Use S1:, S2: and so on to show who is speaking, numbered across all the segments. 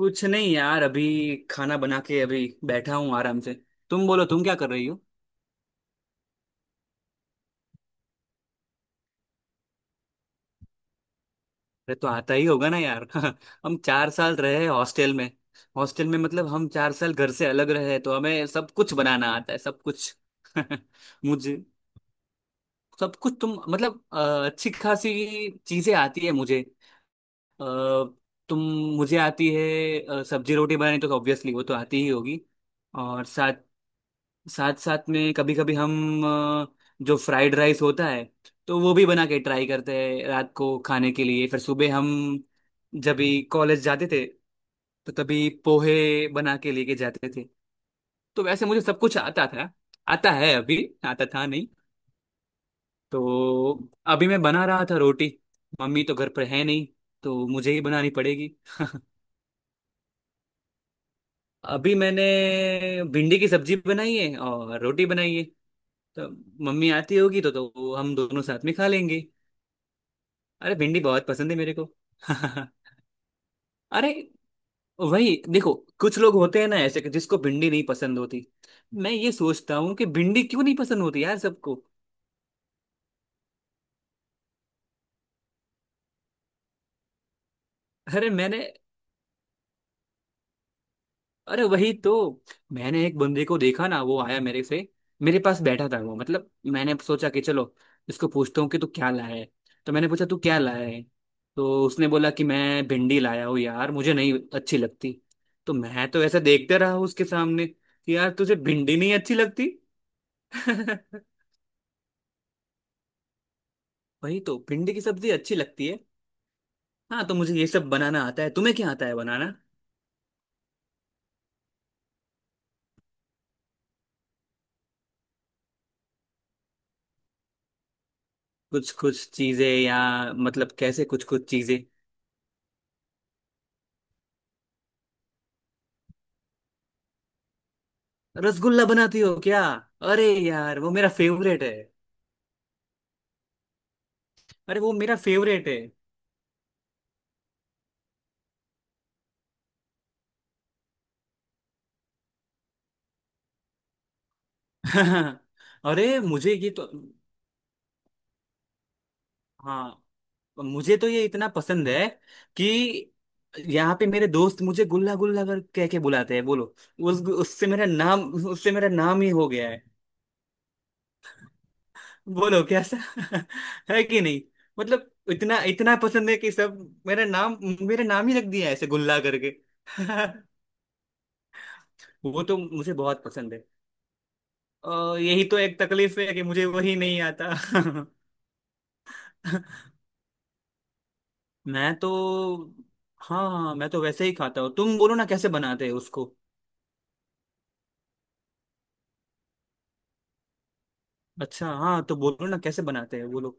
S1: कुछ नहीं यार, अभी खाना बना के अभी बैठा हूँ आराम से। तुम बोलो, तुम क्या कर रही हो। अरे तो आता ही होगा ना यार। हम चार साल रहे हॉस्टल में। मतलब हम चार साल घर से अलग रहे, तो हमें सब कुछ बनाना आता है, सब कुछ। मुझे सब कुछ, अच्छी खासी चीजें आती है मुझे। अ, तुम मुझे आती है सब्जी रोटी बनानी, तो ऑब्वियसली वो तो आती ही होगी। और साथ साथ साथ में कभी कभी हम जो फ्राइड राइस होता है, तो वो भी बना के ट्राई करते हैं रात को खाने के लिए। फिर सुबह हम जब भी कॉलेज जाते थे तो तभी पोहे बना के लेके जाते थे। तो वैसे मुझे सब कुछ आता था, आता है अभी, आता था नहीं। तो अभी मैं बना रहा था रोटी, मम्मी तो घर पर है नहीं तो मुझे ही बनानी पड़ेगी। अभी मैंने भिंडी की सब्जी बनाई है और रोटी बनाई है। तो मम्मी आती होगी तो हम दोनों साथ में खा लेंगे। अरे भिंडी बहुत पसंद है मेरे को। अरे वही देखो, कुछ लोग होते हैं ना ऐसे कि जिसको भिंडी नहीं पसंद होती। मैं ये सोचता हूँ कि भिंडी क्यों नहीं पसंद होती यार सबको। अरे मैंने अरे वही तो मैंने एक बंदे को देखा ना, वो आया मेरे से, मेरे पास बैठा था वो। मतलब मैंने सोचा कि चलो इसको पूछता हूँ कि तू क्या लाया है। तो मैंने पूछा तू क्या लाया है, तो उसने बोला कि मैं भिंडी लाया हूँ यार, मुझे नहीं अच्छी लगती। तो मैं तो ऐसा देखते रहा उसके सामने कि यार तुझे भिंडी नहीं अच्छी लगती। वही तो, भिंडी की सब्जी अच्छी लगती है। हाँ, तो मुझे ये सब बनाना आता है, तुम्हें क्या आता है बनाना। कुछ कुछ चीजें, या मतलब कैसे कुछ कुछ चीजें। रसगुल्ला बनाती हो क्या, अरे यार वो मेरा फेवरेट है। अरे वो मेरा फेवरेट है। अरे मुझे ये तो, हाँ मुझे तो ये इतना पसंद है कि यहाँ पे मेरे दोस्त मुझे गुल्ला गुल्ला कर कह के बुलाते हैं बोलो। उस उससे मेरा नाम, उससे मेरा नाम ही हो गया है। बोलो कैसा है कि नहीं। मतलब इतना इतना पसंद है कि सब मेरा नाम, मेरा नाम ही रख दिया है ऐसे गुल्ला करके। वो तो मुझे बहुत पसंद है। यही तो एक तकलीफ है कि मुझे वही नहीं आता। मैं तो, हाँ हाँ मैं तो वैसे ही खाता हूँ, तुम बोलो ना कैसे बनाते हैं उसको। अच्छा हाँ, तो बोलो ना कैसे बनाते हैं बोलो।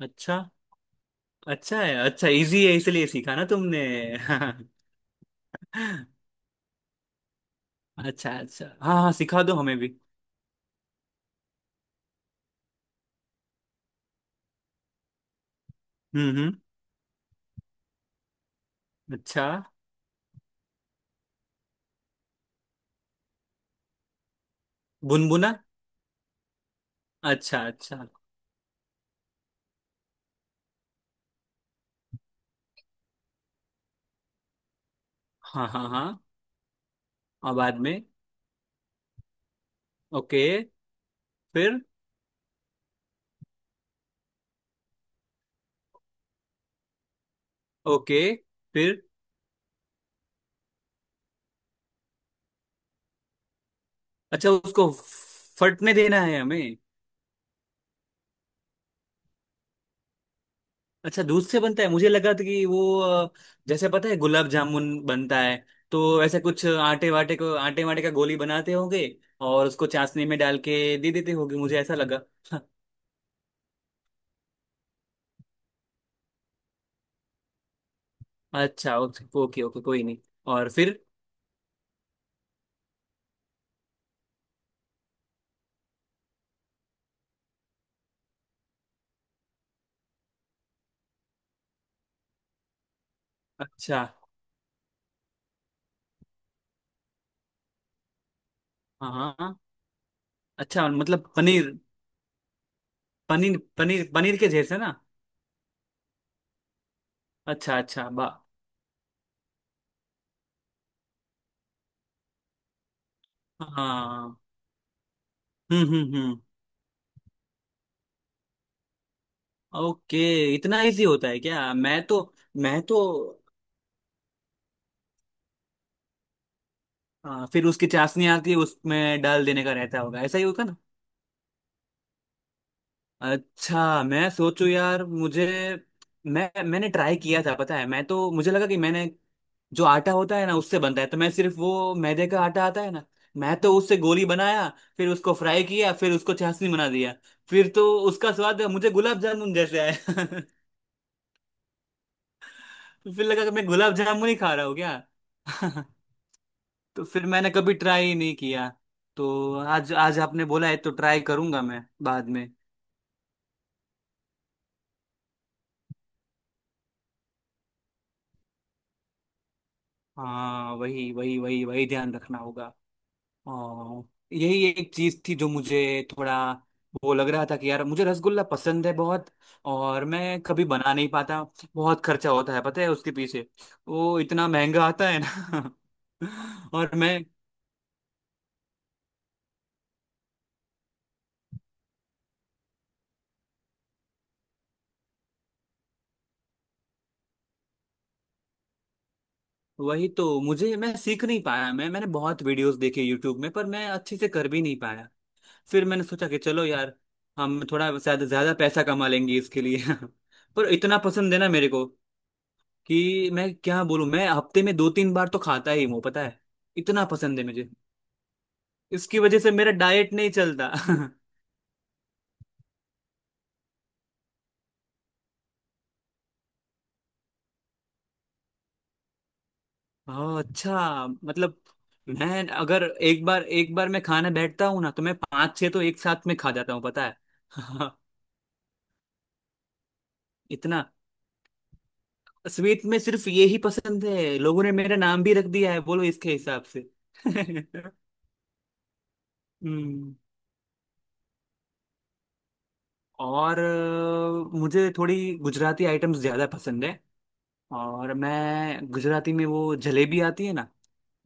S1: अच्छा, अच्छा है, अच्छा इजी है इसलिए सीखा ना तुमने। अच्छा अच्छा, हाँ हाँ सिखा दो हमें भी। हम्म। अच्छा, बुनबुना। अच्छा अच्छा, हाँ हाँ हाँ। और बाद में ओके। फिर, ओके, फिर अच्छा, उसको फटने देना है हमें। अच्छा, दूध से बनता है, मुझे लगा था कि वो जैसे पता है गुलाब जामुन बनता है, तो ऐसे कुछ आटे वाटे का गोली बनाते होंगे और उसको चाशनी में डाल के दे देते होंगे, मुझे ऐसा लगा। अच्छा ओके ओके ओके, कोई नहीं। और फिर अच्छा, हाँ हाँ हाँ। अच्छा मतलब पनीर, पनीर के जैसे ना। अच्छा अच्छा बा, हाँ। हम्म। ओके, इतना इजी होता है क्या? मैं तो, मैं तो, हाँ। फिर उसकी चाशनी आती है, उसमें डाल देने का रहता होगा, ऐसा ही होगा ना। अच्छा, मैं सोचू यार, मुझे, मैंने ट्राई किया था पता है। मैं तो, मुझे लगा कि मैंने जो आटा होता है ना उससे बनता है, तो मैं सिर्फ वो मैदे का आटा आता है ना, मैं तो उससे गोली बनाया, फिर उसको फ्राई किया, फिर उसको चाशनी बना दिया। फिर तो उसका स्वाद मुझे गुलाब जामुन जैसे आया। फिर लगा कि मैं गुलाब जामुन ही खा रहा हूँ क्या। तो फिर मैंने कभी ट्राई ही नहीं किया। तो आज, आज आपने बोला है तो ट्राई करूंगा मैं बाद में। हाँ वही वही ध्यान रखना होगा। और यही एक चीज थी जो मुझे थोड़ा वो लग रहा था कि यार मुझे रसगुल्ला पसंद है बहुत, और मैं कभी बना नहीं पाता। बहुत खर्चा होता है पता है उसके पीछे, वो इतना महंगा आता है ना। और मैं, वही तो, मुझे, मैं सीख नहीं पाया। मैंने बहुत वीडियोस देखे यूट्यूब में, पर मैं अच्छे से कर भी नहीं पाया। फिर मैंने सोचा कि चलो यार हम थोड़ा शायद ज्यादा पैसा कमा लेंगे इसके लिए। पर इतना पसंद है ना मेरे को, कि मैं क्या बोलूं, मैं हफ्ते में दो तीन बार तो खाता ही हूँ पता है। इतना पसंद है मुझे, इसकी वजह से मेरा डाइट नहीं चलता। ओह अच्छा, मतलब मैं अगर एक बार, एक बार मैं खाने बैठता हूँ ना तो मैं पांच छह तो एक साथ में खा जाता हूँ पता है। इतना। स्वीट में सिर्फ ये ही पसंद है, लोगों ने मेरा नाम भी रख दिया है बोलो इसके हिसाब से। हम्म। और मुझे थोड़ी गुजराती आइटम्स ज़्यादा पसंद है, और मैं, गुजराती में वो जलेबी आती है ना।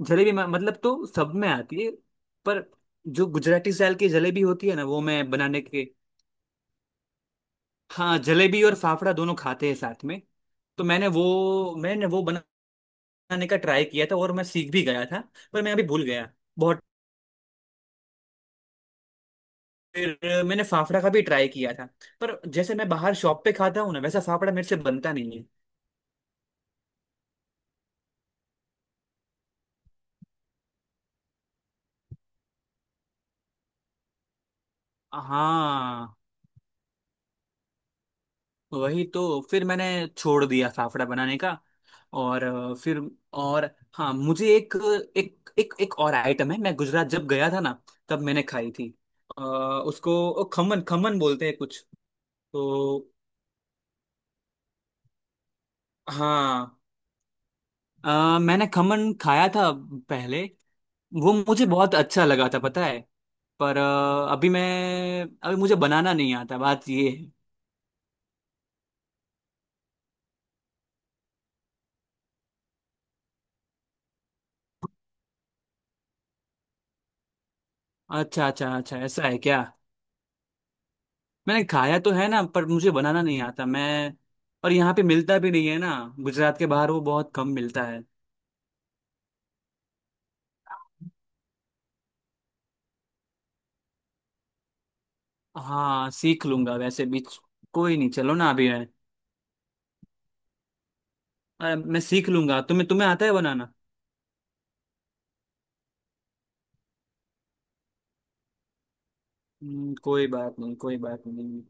S1: मतलब तो सब में आती है, पर जो गुजराती स्टाइल की जलेबी होती है ना वो मैं बनाने के। हाँ जलेबी और फाफड़ा दोनों खाते हैं साथ में। मैंने वो बनाने का ट्राई किया था और मैं सीख भी गया था, पर मैं अभी भूल गया बहुत। फिर मैंने फाफड़ा का भी ट्राई किया था, पर जैसे मैं बाहर शॉप पे खाता हूँ ना वैसा फाफड़ा मेरे से बनता नहीं है। हाँ, वही तो फिर मैंने छोड़ दिया फाफड़ा बनाने का। और फिर, और, हाँ, मुझे एक, एक और आइटम है, मैं गुजरात जब गया था ना तब मैंने खाई थी। अ, उसको खमन खमन बोलते हैं कुछ तो। हाँ मैंने खमन खाया था पहले। वो मुझे बहुत अच्छा लगा था पता है। पर अभी मुझे बनाना नहीं आता, बात ये है। अच्छा अच्छा अच्छा, ऐसा है क्या। मैंने खाया तो है ना, पर मुझे बनाना नहीं आता मैं, और यहाँ पे मिलता भी नहीं है ना, गुजरात के बाहर वो बहुत कम मिलता है। हाँ सीख लूंगा वैसे भी। कोई नहीं चलो ना अभी मैं, मैं सीख लूंगा, तुम्हें, तुम्हें आता है बनाना। कोई बात नहीं, कोई बात नहीं।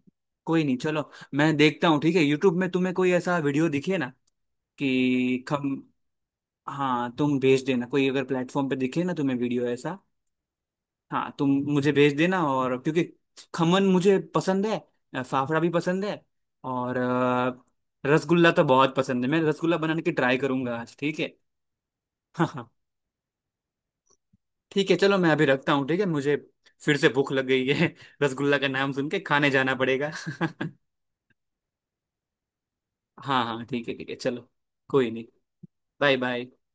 S1: कोई नहीं चलो, मैं देखता हूँ ठीक है, यूट्यूब में तुम्हें कोई ऐसा वीडियो दिखे ना कि खम, हाँ तुम भेज देना कोई अगर प्लेटफॉर्म पे दिखे ना तुम्हें वीडियो ऐसा। हाँ तुम मुझे भेज देना, और क्योंकि खमन मुझे पसंद है, फाफड़ा भी पसंद है, और रसगुल्ला तो बहुत पसंद है, मैं रसगुल्ला बनाने की ट्राई करूंगा आज, ठीक है। हाँ हाँ ठीक है चलो, मैं अभी रखता हूँ, ठीक है, मुझे फिर से भूख लग गई है। रसगुल्ला का नाम सुन के खाने जाना पड़ेगा। हाँ हाँ, ठीक है चलो। कोई नहीं, बाय बाय।